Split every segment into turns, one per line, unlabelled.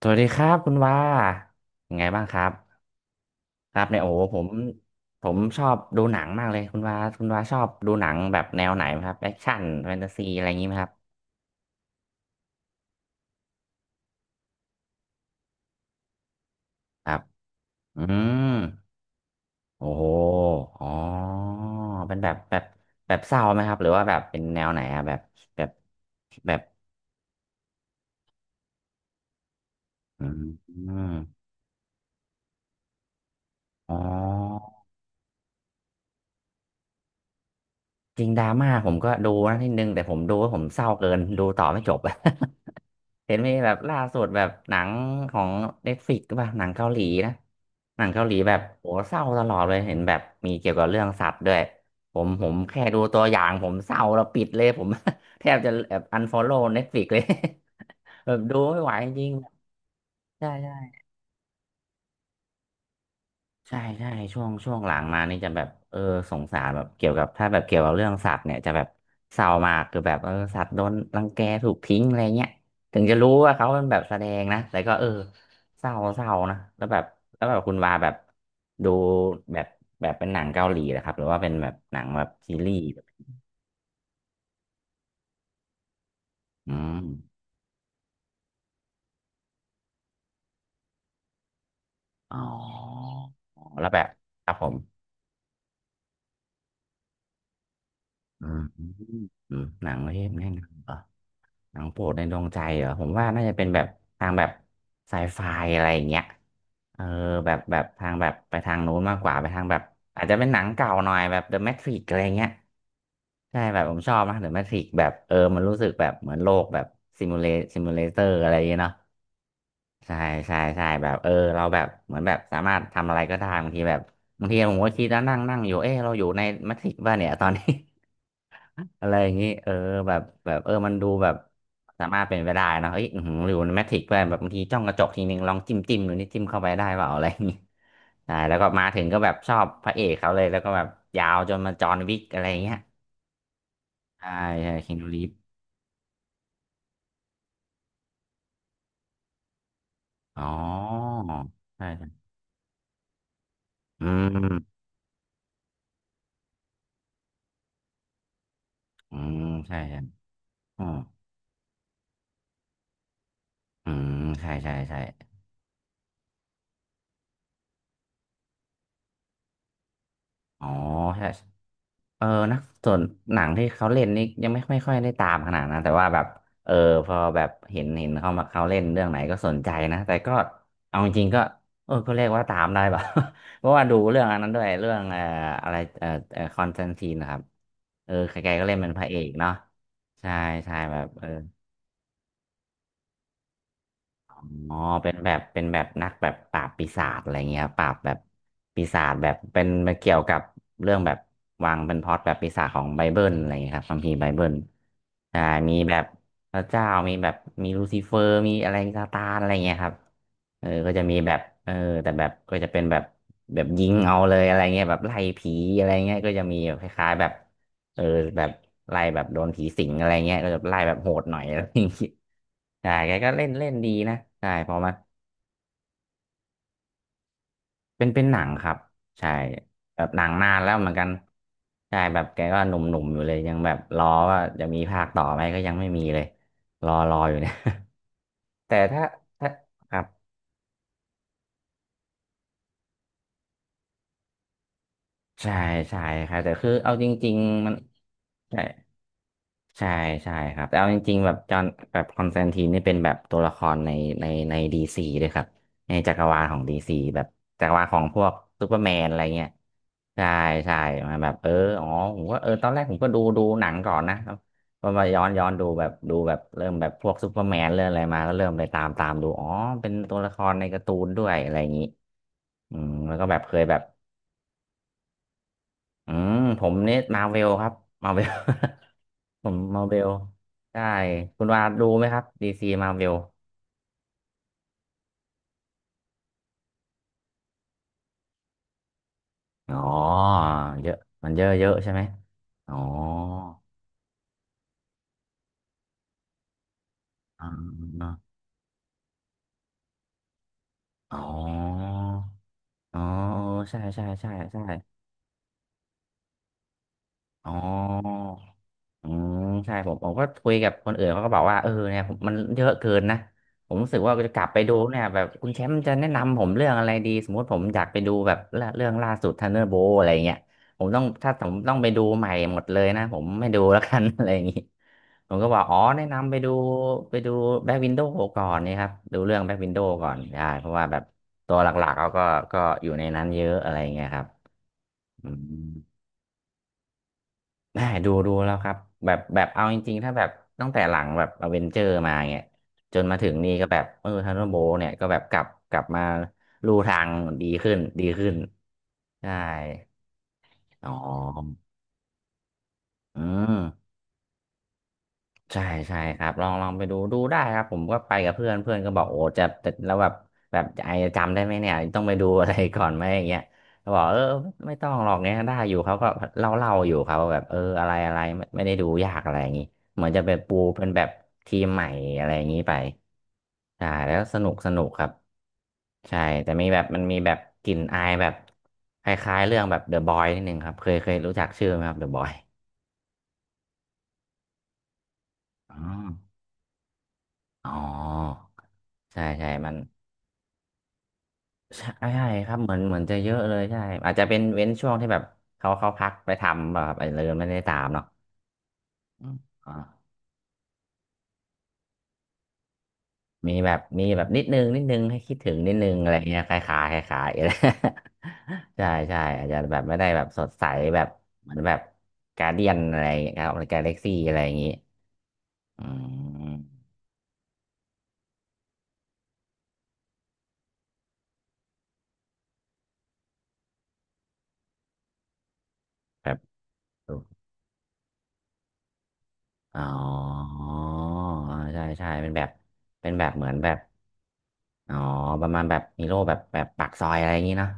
สวัสดีครับคุณว่ายังไงบ้างครับครับเนี่ยโอ้โหผมชอบดูหนังมากเลยคุณว่าชอบดูหนังแบบแนวไหนไหมครับแอคชั่นแฟนตาซีอะไรอย่างนี้ไหมครับครับอืมโอ้โหอ๋อเป็นแบบแบบเศร้าไหมครับหรือว่าแบบเป็นแนวไหนอะแบบแบบอืมอ๋อจริงดราม่าผมก็ดูนะนิดนึงแต่ผมดูว่าผมเศร้าเกินดูต่อไม่จบ เห็นมีแบบล่าสุดแบบหนังของเน็ตฟลิกป่ะหนังเกาหลีนะหนังเกาหลีแบบโหเศร้าตลอดเลยเห็นแบบมีเกี่ยวกับเรื่องสัตว์ด้วยผมแค่ดูตัวอย่างผมเศร้าแล้วปิดเลยผม แทบจะแบบอันฟอลโล่เน็ตฟลิกเลย แบบดูไม่ไหวจริงๆใช่ใช่ ใช่ใช่ช่วงหลังมานี่จะแบบเออสงสารแบบเกี่ยวกับถ้าแบบเกี่ยวกับเรื่องสัตว์เนี่ยจะแบบเศร้ามากคือแบบเออสัตว์โดนรังแกถูกทิ้งอะไรเงี้ยถึงจะรู้ว่าเขาเป็นแบบแสดงนะแต่ก็เออเศร้าเศร้านะแล้วแบบแล้วแบบคุณวาแบบดูแบบแบบเป็นหนังเกาหลีนะครับหรือว่าเป็นแบบหนังแบบซีรีส์อืมอ๋อแล้วแบบครับผมอืมอืมหนังประเภทแน่นอน หนังโปรดในดวงใจเหรอผมว่าน่าจะเป็นแบบทางแบบไซไฟอะไรอย่างเงี้ยเออแบบแบบทางแบบไปทางนู้นมากกว่าไปทางแบบอาจจะเป็นหนังเก่าหน่อยแบบ The Matrix อะไรเงี้ยใช่แบบผมชอบนะ The Matrix แบบเออมันรู้สึกแบบเหมือนโลกแบบซิมูเลซิมูเลเตอร์อะไรอย่างเงี้ยเนาะใช่ใช่ใช่แบบเออเราแบบเหมือนแบบสามารถทำอะไรก็ได้บางทีแบบบางทีผมก็คิดแล้วนั่งนั่งอยู่เออเราอยู่ในแมทริกซ์ป่ะเนี่ยตอนนี้ อะไรอย่างนี้เออแบบแบบเออมันดูแบบสามารถเป็นไปได้นะเฮ้ยอื้อหือหรือแมทริกซ์ด้วยแบบบางทีจ้องกระจกทีนึงลองจิ้มดูนี่จิ้มเข้าไปได้เปล่าอะไรอย่างนี้ใช่แล้วก็มาถึงก็แบบชอบพระเอกเขาเลยแล้วก็แบบยาวจนมาจอห์นวิกอะไรอย่างเงี้ยใช่ใช่คินูรีฟอ๋อใช่ใช่อืมอืมใช่ใช่อืมอืมใช่ใช่ใช่อ๋อใช่ เออนะส่วนหนังที่เขาเล่นนี่ยังไม่ค่อยได้ตามขนาดนะแต่ว่าแบบเออพอแบบเห็นเขามาเขาเล่นเรื่องไหนก็สนใจนะแต่ก็เอาจริงๆก็เออก็เรียกว่าตามได้ป่ะ เพราะว่าดูเรื่องอันนั้นด้วยเรื่องอะไรเอ่อเคอนสแตนทีนนะครับเออใครๆก็เล่นเป็นพระเอกเนาะใช่ใช่แบบเออ อ๋อเป็นแบบเป็นแบบนักแบบปราบปีศาจอะไรเงี้ยปราบแบบปีศาจแบบเป็นเกี่ยวกับเรื่องแบบวางเป็นพล็อตแบบปีศาจของไบเบิลอะไรเงี้ยครับคัมภีร์ไบเบิลใช่มีแบบพระเจ้ามีแบบมีลูซิเฟอร์มีอะไรซาตานอะไรเงี้ยครับเออก็จะมีแบบเออแต่แบบก็จะเป็นแบบแบบยิงเอาเลยอะไรเงี้ยแบบไล่ผีอะไรเงี้ยก็จะมีแบบคล้ายๆแบบเออแบบไล่แบบโดนผีสิงอะไรเงี้ยก็จะไล่แบบโหดหน่อยอะไรอย่างงี้ ใช่แกก็เล่นเล่นดีนะใช่พอมาเป็นหนังครับใช่แบบหนังนานแล้วเหมือนกันใช่แบบแกก็หนุ่มๆอยู่เลย ยังแบบรอว่าจะมีภาคต่อไหมก็ยังไม่มีเลย รออยู่เนี่ย แต่ถ้าถ้าครับใช่ใช่ครับแต่คือเอาจริงๆมันใช่ ใช่ใช่ครับแต่เอาจริงๆแบบจอห์นแบบคอนสแตนทีนนี่เป็นแบบตัวละครในในดีซีด้วยครับในจักรวาลของดีซีแบบจักรวาลของพวกซูเปอร์แมนอะไรเงี้ยใช่ใช่มาแบบเอออ๋อผมก็เออตอนแรกผมก็ดูหนังก่อนนะพอมาย้อนดูแบบดูแบบเริ่มแบบพวกซูเปอร์แมนเรื่องอะไรมาก็เริ่มไปตามดูอ๋อเป็นตัวละครในการ์ตูนด้วยอะไรอย่างนี้อืมแล้วก็แบบเคยแบบอืมผมเนี่ยมาเวลครับมาเวล ผมมาเบลได้คุณวาดดูไหมครับดีซีมาเบลอ๋อเยอะมันเยอะเยอะใช่ไหมอ๋ออ๋ออ๋ออ๋อเออใช่อ๋อ อืมใช่ผมก็คุยกับคนอื่นเขาก็บอกว่าเนี่ยผมมันเยอะเกินนะผมรู้สึกว่าจะกลับไปดูเนี่ยแบบคุณแชมป์จะแนะนำผมเรื่องอะไรดีสมมติผมอยากไปดูแบบเรื่องล่าสุดทันเดอร์โบอะไรเงี้ยผมต้องถ้าผมต้องไปดูใหม่หมดเลยนะผมไม่ดูแล้วกัน อะไรอย่างงี้ผมก็บอกอ๋อแนะนำไปดูไปดูแบ็กวินโดว์ก่อนนี่ครับดูเรื่องแบ็กวินโดว์ก่อนได้เพราะว่าแบบตัวหลักๆเขาก็อยู่ในนั้นเยอะอะไรเงี้ยครับอืม ได้ดูแล้วครับแบบแบบเอาจริงๆถ้าแบบตั้งแต่หลังแบบอเวนเจอร์มาเนี่ยจนมาถึงนี่ก็แบบทันเดอร์โบเนี่ยก็แบบกลับมาลู่ทางดีขึ้นใช่อ๋ออืม ใช่ใช่ครับลองไปดูได้ครับผมก็ไปกับเพื่อนเพื่อนก็บอกโอ้จะจะแล้วแบบแบบไอ้จำได้ไหมเนี่ยต้องไปดูอะไรก่อนไหมอย่างเงี้ยเขาบอกเออไม่ต้องหรอกเนี่ยได้อยู่เขาก็เล่าอยู่เขาแบบอะไรอะไรไม่ได้ดูยากอะไรอย่างงี้เหมือนจะเป็นปูเป็นแบบทีมใหม่อะไรอย่างงี้ไปใช่แล้วสนุกครับใช่แต่มีแบบมันมีแบบกลิ่นอายแบบคล้ายๆเรื่องแบบเดอะบอยนิดนึงครับเคยรู้จักชื่อไหมครับเดอะบอยอ๋ออ๋อใช่ใช่มัน ใช่ใช่ครับเหมือนจะเยอะเลยใช่อาจจะเป็นเว้นช่วงที่แบบเขาพักไปทำแบบอะไรเลยไม่ได้ตามเนาะอืมอามีแบบมีแบบนิดนึงให้คิดถึงนิดนึงอะไรเงี้ยคล้ายๆคล้ายๆอะไร ใช่ใช่อาจจะแบบไม่ได้แบบสดใสแบบเหมือนแบบการเดียนอะไรครับหรือการเล็กซี่อะไรอย่างงี้อืมแบบ อ๋ออ่าใช่ใช่เป็นแบบเป็นแบบเหมือนแบบอ๋อประมาณแบบฮีโร่แบบปากซอยอะไรอย่างนี้เนาะ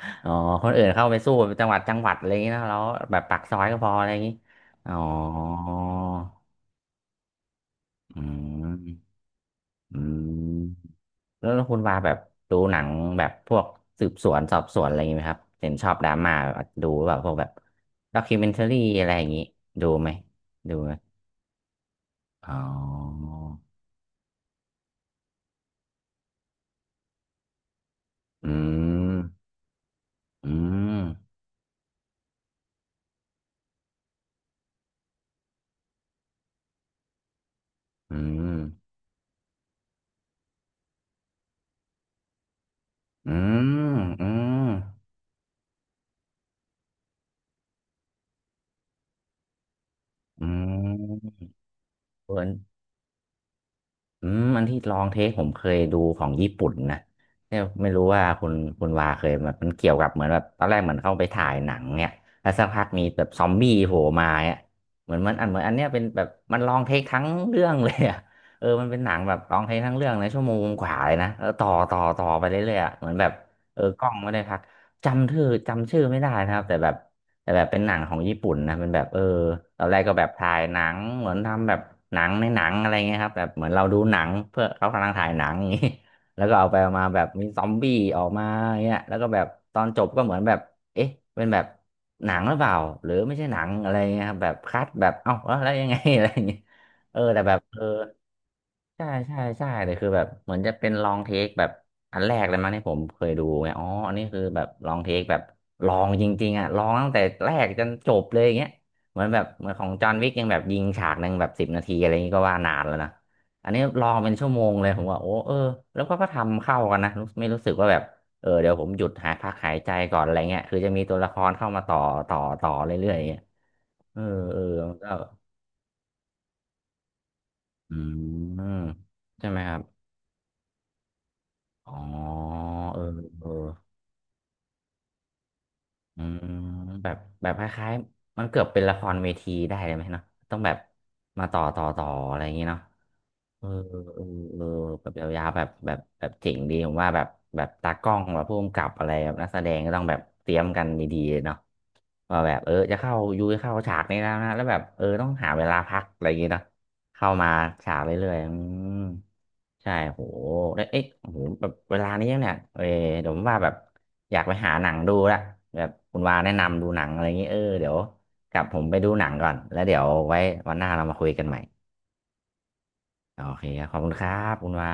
อ๋อคนอื่นเข้าไปสู้จังหวัดอะไรอย่างนี้เนาะแล้วแบบปากซอยก็พออะไรอย่างนี้อ๋ออืมอืมแล้วคุณว่าแบบดูหนังแบบพวกสืบสวนสอบสวนอะไรอย่างนี้ไหมครับเห็นชอบดราม่าดูแบบพวกแบบด็อกิเมนทารี่อะไรอย่างนี้ดูไหมดูไหม อ๋ออืมอืมอืมอืมอืมอืมเออ อืมอันที่ลองเทคผมเคยดูของญี่ปุ่นนะเนี่ยไม่รู้ว่าคุณวาเคยมันเกี่ยวกับเหมือนแบบตอนแรกเหมือนเข้าไปถ่ายหนังเนี่ยแล้วสักพักมีแบบซอมบี้โผล่มาเนี่ยเหมือนมันอันเหมือนอันเนี้ยเป็นแบบมันลองเทคทั้งเรื่องเลยอ่ะ เออมันเป็นหนังแบบลองเทคทั้งเรื่องเลยชั่วโมงกว่าเลยนะแล้วต่อไปเรื่อยๆอะเหมือนแบบเออกล้องไม่ได้พักจำชื่อไม่ได้นะครับแต่แบบ แต่แบบเป็นหนังของญี่ปุ่นนะเป็นแบบตอนแรกก็แบบถ่ายหนังเหมือนทำแบบหนังในหนังอะไรเงี้ยครับแบบเหมือนเราดูหนังเพื่อเขากำลังถ่ายหนังอย่างงี้ แล้วก็เอาไปเอามาแบบมีซอมบี้ออกมาเงี้ยแล้วก็แบบตอนจบก็เหมือนแบบเอ๊ะเป็นแบบหนังหรือเปล่าหรือไม่ใช่หนังอะไรเงี้ยครับแบบคัดแบบเอ้าแล้วแล้วยังไง อะไรอย่างเงี้ยเออแต่แบบเออ ใช่ใช่ใช่เลยคือแบบเหมือนจะเป็นลองเทคแบบอันแรกเลยมั้งที่ผมเคยดูไงอ๋ออันนี้คือแบบลองเทคแบบลองจริงๆอ่ะลองตั้งแต่แรกจนจบเลยอย่างเงี้ยเหมือนแบบเหมือนของจอห์นวิกยังแบบยิงฉากหนึ่งแบบ10 นาทีอะไรอย่างงี้ก็ว่านานแล้วนะอันนี้ลองเป็นชั่วโมงเลยผมว่าโอ้เออแล้วก็ก็ทำเข้ากันนะรู้ไม่รู้สึกว่าแบบเออเดี๋ยวผมหยุดหายพักหายใจก่อนอะไรเงี้ยคือจะมีตัวละครเข้ามาต่อเรื่อยๆอย่างเงี้ยเออเออมันก็อืมใช่ไหมครับ อ๋อเออเอออืมแบบคล้ายๆมันเกือบเป็นละครเวทีได้เลยไหมเนาะต้องแบบ มาต่ออะไรอย่างงี้เนาะเออเออเออแบบยาวๆแบบเจ๋งดีผมว่าแบบแบบตากล้องแบบผู้กำกับอะไรแบบนักแสดงก็ต้องแบบเตรียมกันดีๆเนาะว่าแบบเออจะเข้ายูจะเข้าฉากนี้แล้วนะแล้วแบบเออต้องหาเวลาพักอะไรอย่างงี้เนาะ เข้ามาฉากเรื่อยๆอืมใช่โหแล้วเอ๊ะโอ้โหแบบเวลานี้เนี่ยเออเดี๋ยวผมว่าแบบอยากไปหาหนังดูละแบบคุณวาแนะนำดูหนังอะไรอย่างงี้เออเดี๋ยวกลับผมไปดูหนังก่อน แล้วเดี๋ยวไว้วันหน้าเรามาคุยกันใหม่ โอเคครับขอบคุณครับ คุณวา